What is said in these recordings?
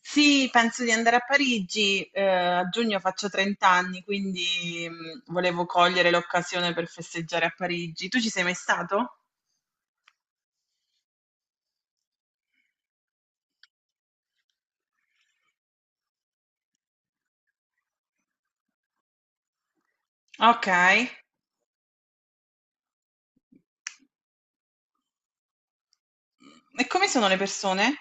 Sì, penso di andare a Parigi, a giugno faccio 30 anni, quindi volevo cogliere l'occasione per festeggiare a Parigi. Tu ci sei mai stato? Ok. E come sono le persone?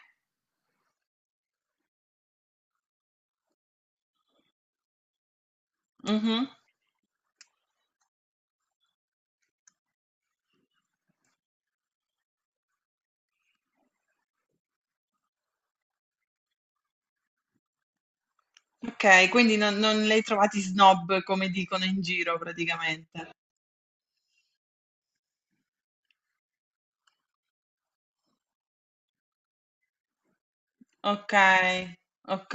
Mhm. Ok, quindi non le hai trovati snob come dicono in giro praticamente. Ok, ok.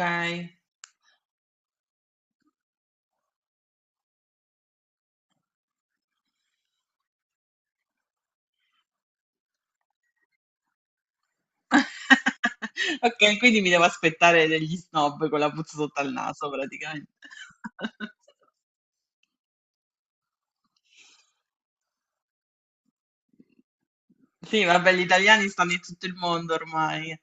Ok, quindi mi devo aspettare degli snob con la puzza sotto al naso praticamente. Sì, vabbè, gli italiani stanno in tutto il mondo ormai.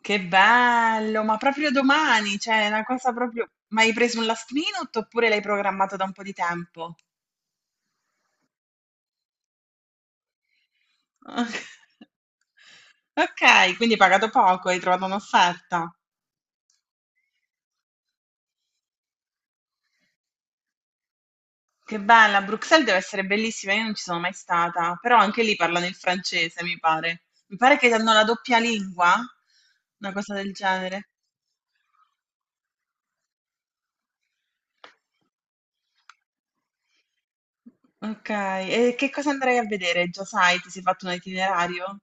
Che bello, ma proprio domani, cioè, è una cosa proprio... Ma hai preso un last minute oppure l'hai programmato da un po' di tempo? Ok, quindi hai pagato poco, hai trovato un'offerta. Che bella, Bruxelles deve essere bellissima, io non ci sono mai stata, però anche lì parlano il francese, mi pare. Mi pare che hanno la doppia lingua, una cosa del genere. Okay, e che cosa andrai a vedere? Già sai, ti sei fatto un itinerario?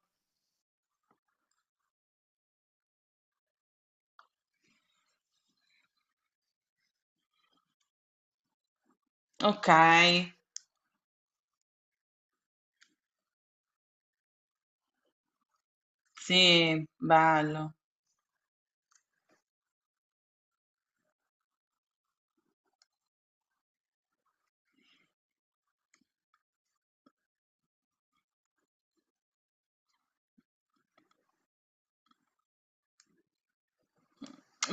Okay, sì, bello.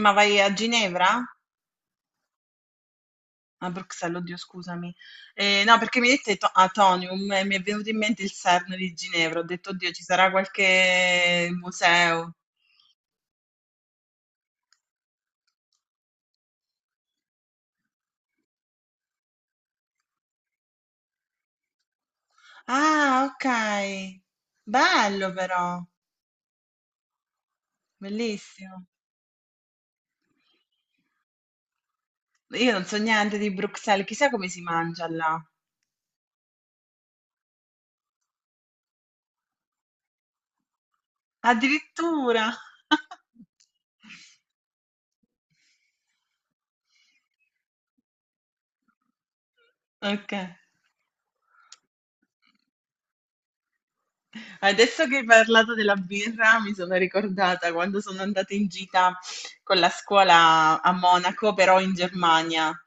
Ma vai a Ginevra? A Bruxelles, oddio scusami. No, perché mi hai detto to Atonium e mi è venuto in mente il CERN di Ginevra. Ho detto: "Oddio, ci sarà qualche museo". Ah, okay. Bello però, bellissimo. Io non so niente di Bruxelles, chissà come si mangia là. Addirittura! Ok. Adesso che hai parlato della birra, mi sono ricordata quando sono andata in gita con la scuola a Monaco, però in Germania,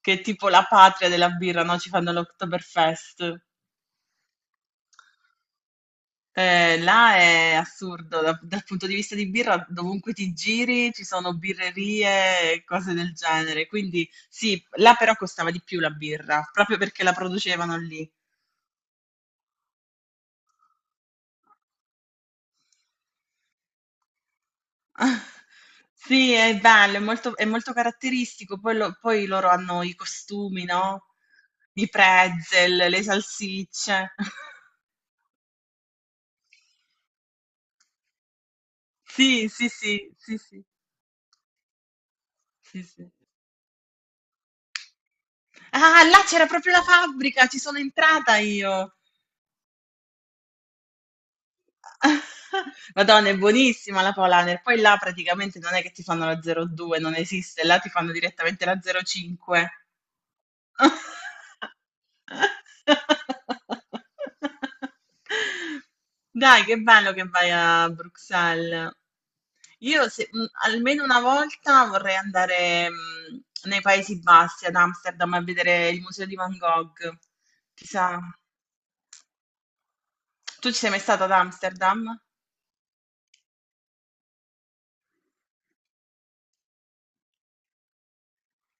che è tipo la patria della birra, no? Ci fanno l'Oktoberfest. Là è assurdo, dal punto di vista di birra, dovunque ti giri ci sono birrerie e cose del genere. Quindi sì, là però costava di più la birra, proprio perché la producevano lì. Ah, sì, è bello, è molto caratteristico. Poi, poi loro hanno i costumi, no? I pretzel, le salsicce. Sì, sì, sì, sì, sì, sì, sì. Ah, là c'era proprio la fabbrica, ci sono entrata io. Madonna, è buonissima la Polaner. Poi là praticamente non è che ti fanno la 02, non esiste, là ti fanno direttamente la 05. Dai, che bello che vai a Bruxelles. Io almeno una volta vorrei andare nei Paesi Bassi, ad Amsterdam, a vedere il museo di Van Gogh. Ti sa? Tu ci sei mai stata ad Amsterdam?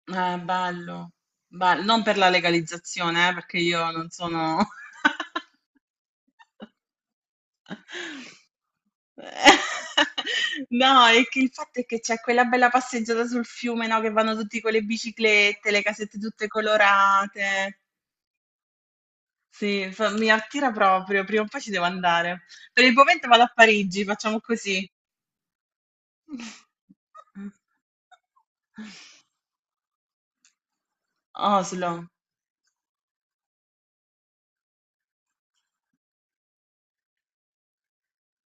Bello, bello. Non per la legalizzazione, perché io non sono... No, è che il fatto è che c'è quella bella passeggiata sul fiume, no, che vanno tutti con le biciclette, le casette tutte colorate. Sì, mi attira proprio, prima o poi ci devo andare. Per il momento vado a Parigi, facciamo così. Oslo,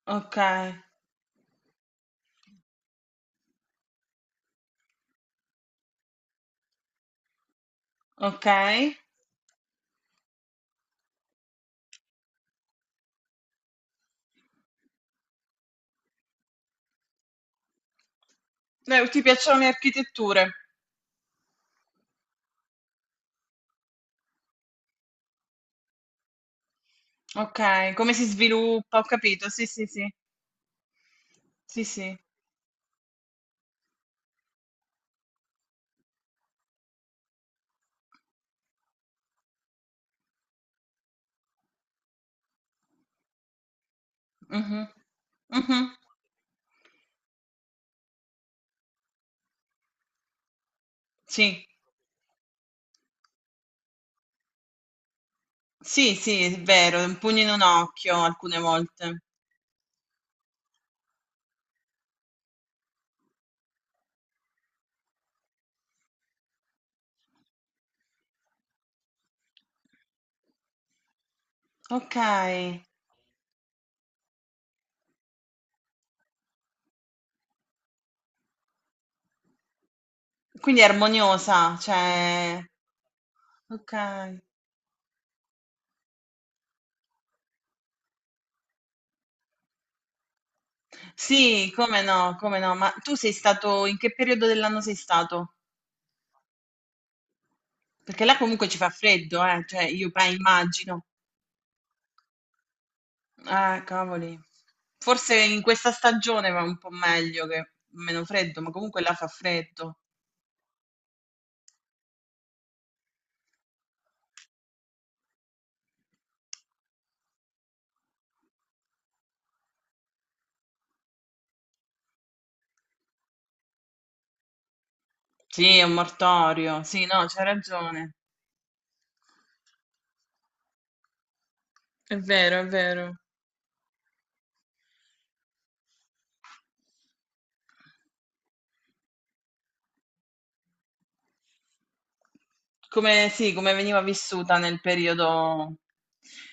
ok, ok. Ti piacciono le architetture? Ok, come si sviluppa, ho capito, sì, sì, sì, sì, sì. Mhm. Mhm. Sì. Sì, sì, è vero, è un pugno in un occhio alcune volte. Okay, quindi è armoniosa, cioè okay. Sì, come no, come no. Ma tu sei stato in che periodo dell'anno sei stato? Perché là comunque ci fa freddo, cioè io pe immagino. Cavoli. Forse in questa stagione va un po' meglio che meno freddo, ma comunque là fa freddo. Sì, è un mortorio. Sì, no, c'hai ragione. È vero, è vero. Come, sì, come veniva vissuta nel periodo...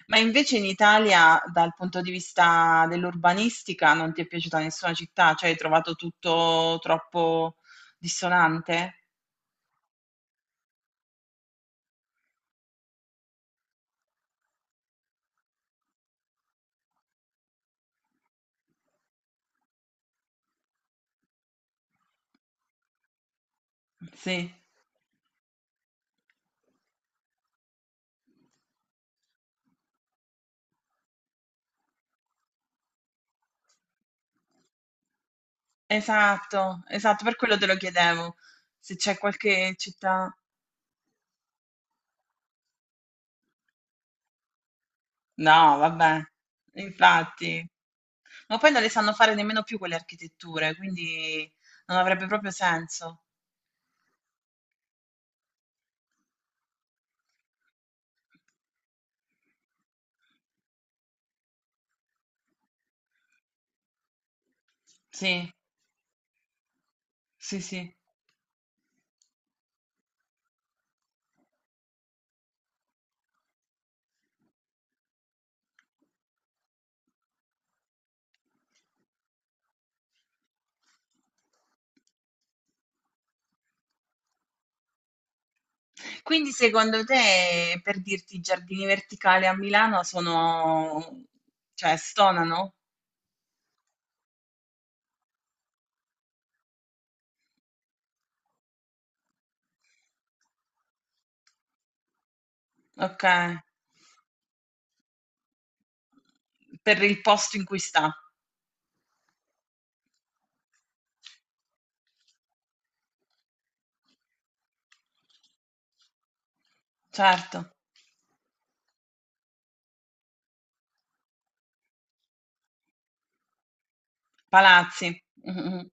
Ma invece in Italia, dal punto di vista dell'urbanistica, non ti è piaciuta nessuna città? Cioè hai trovato tutto troppo dissonante? Sì, esatto, esatto, per quello te lo chiedevo. Se c'è qualche città... No, vabbè, infatti. Ma poi non le sanno fare nemmeno più quelle architetture, quindi non avrebbe proprio senso. Sì, sì, sì. Quindi secondo te, per dirti, i giardini verticali a Milano sono, cioè, stonano? Ok, per il posto in cui sta, certo, palazzi. Mm, mm.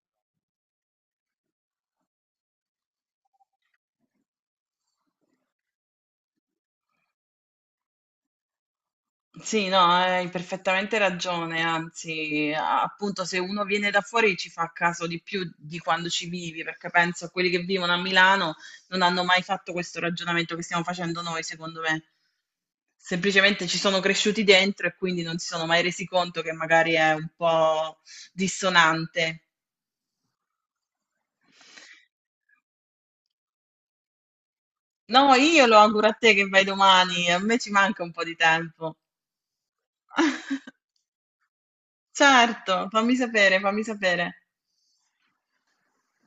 Sì, no, hai perfettamente ragione, anzi, appunto, se uno viene da fuori ci fa caso di più di quando ci vivi, perché penso a quelli che vivono a Milano non hanno mai fatto questo ragionamento che stiamo facendo noi, secondo me. Semplicemente ci sono cresciuti dentro e quindi non si sono mai resi conto che magari è un po' dissonante. No, io lo auguro a te che vai domani, a me ci manca un po' di tempo. Certo, fammi sapere, fammi sapere.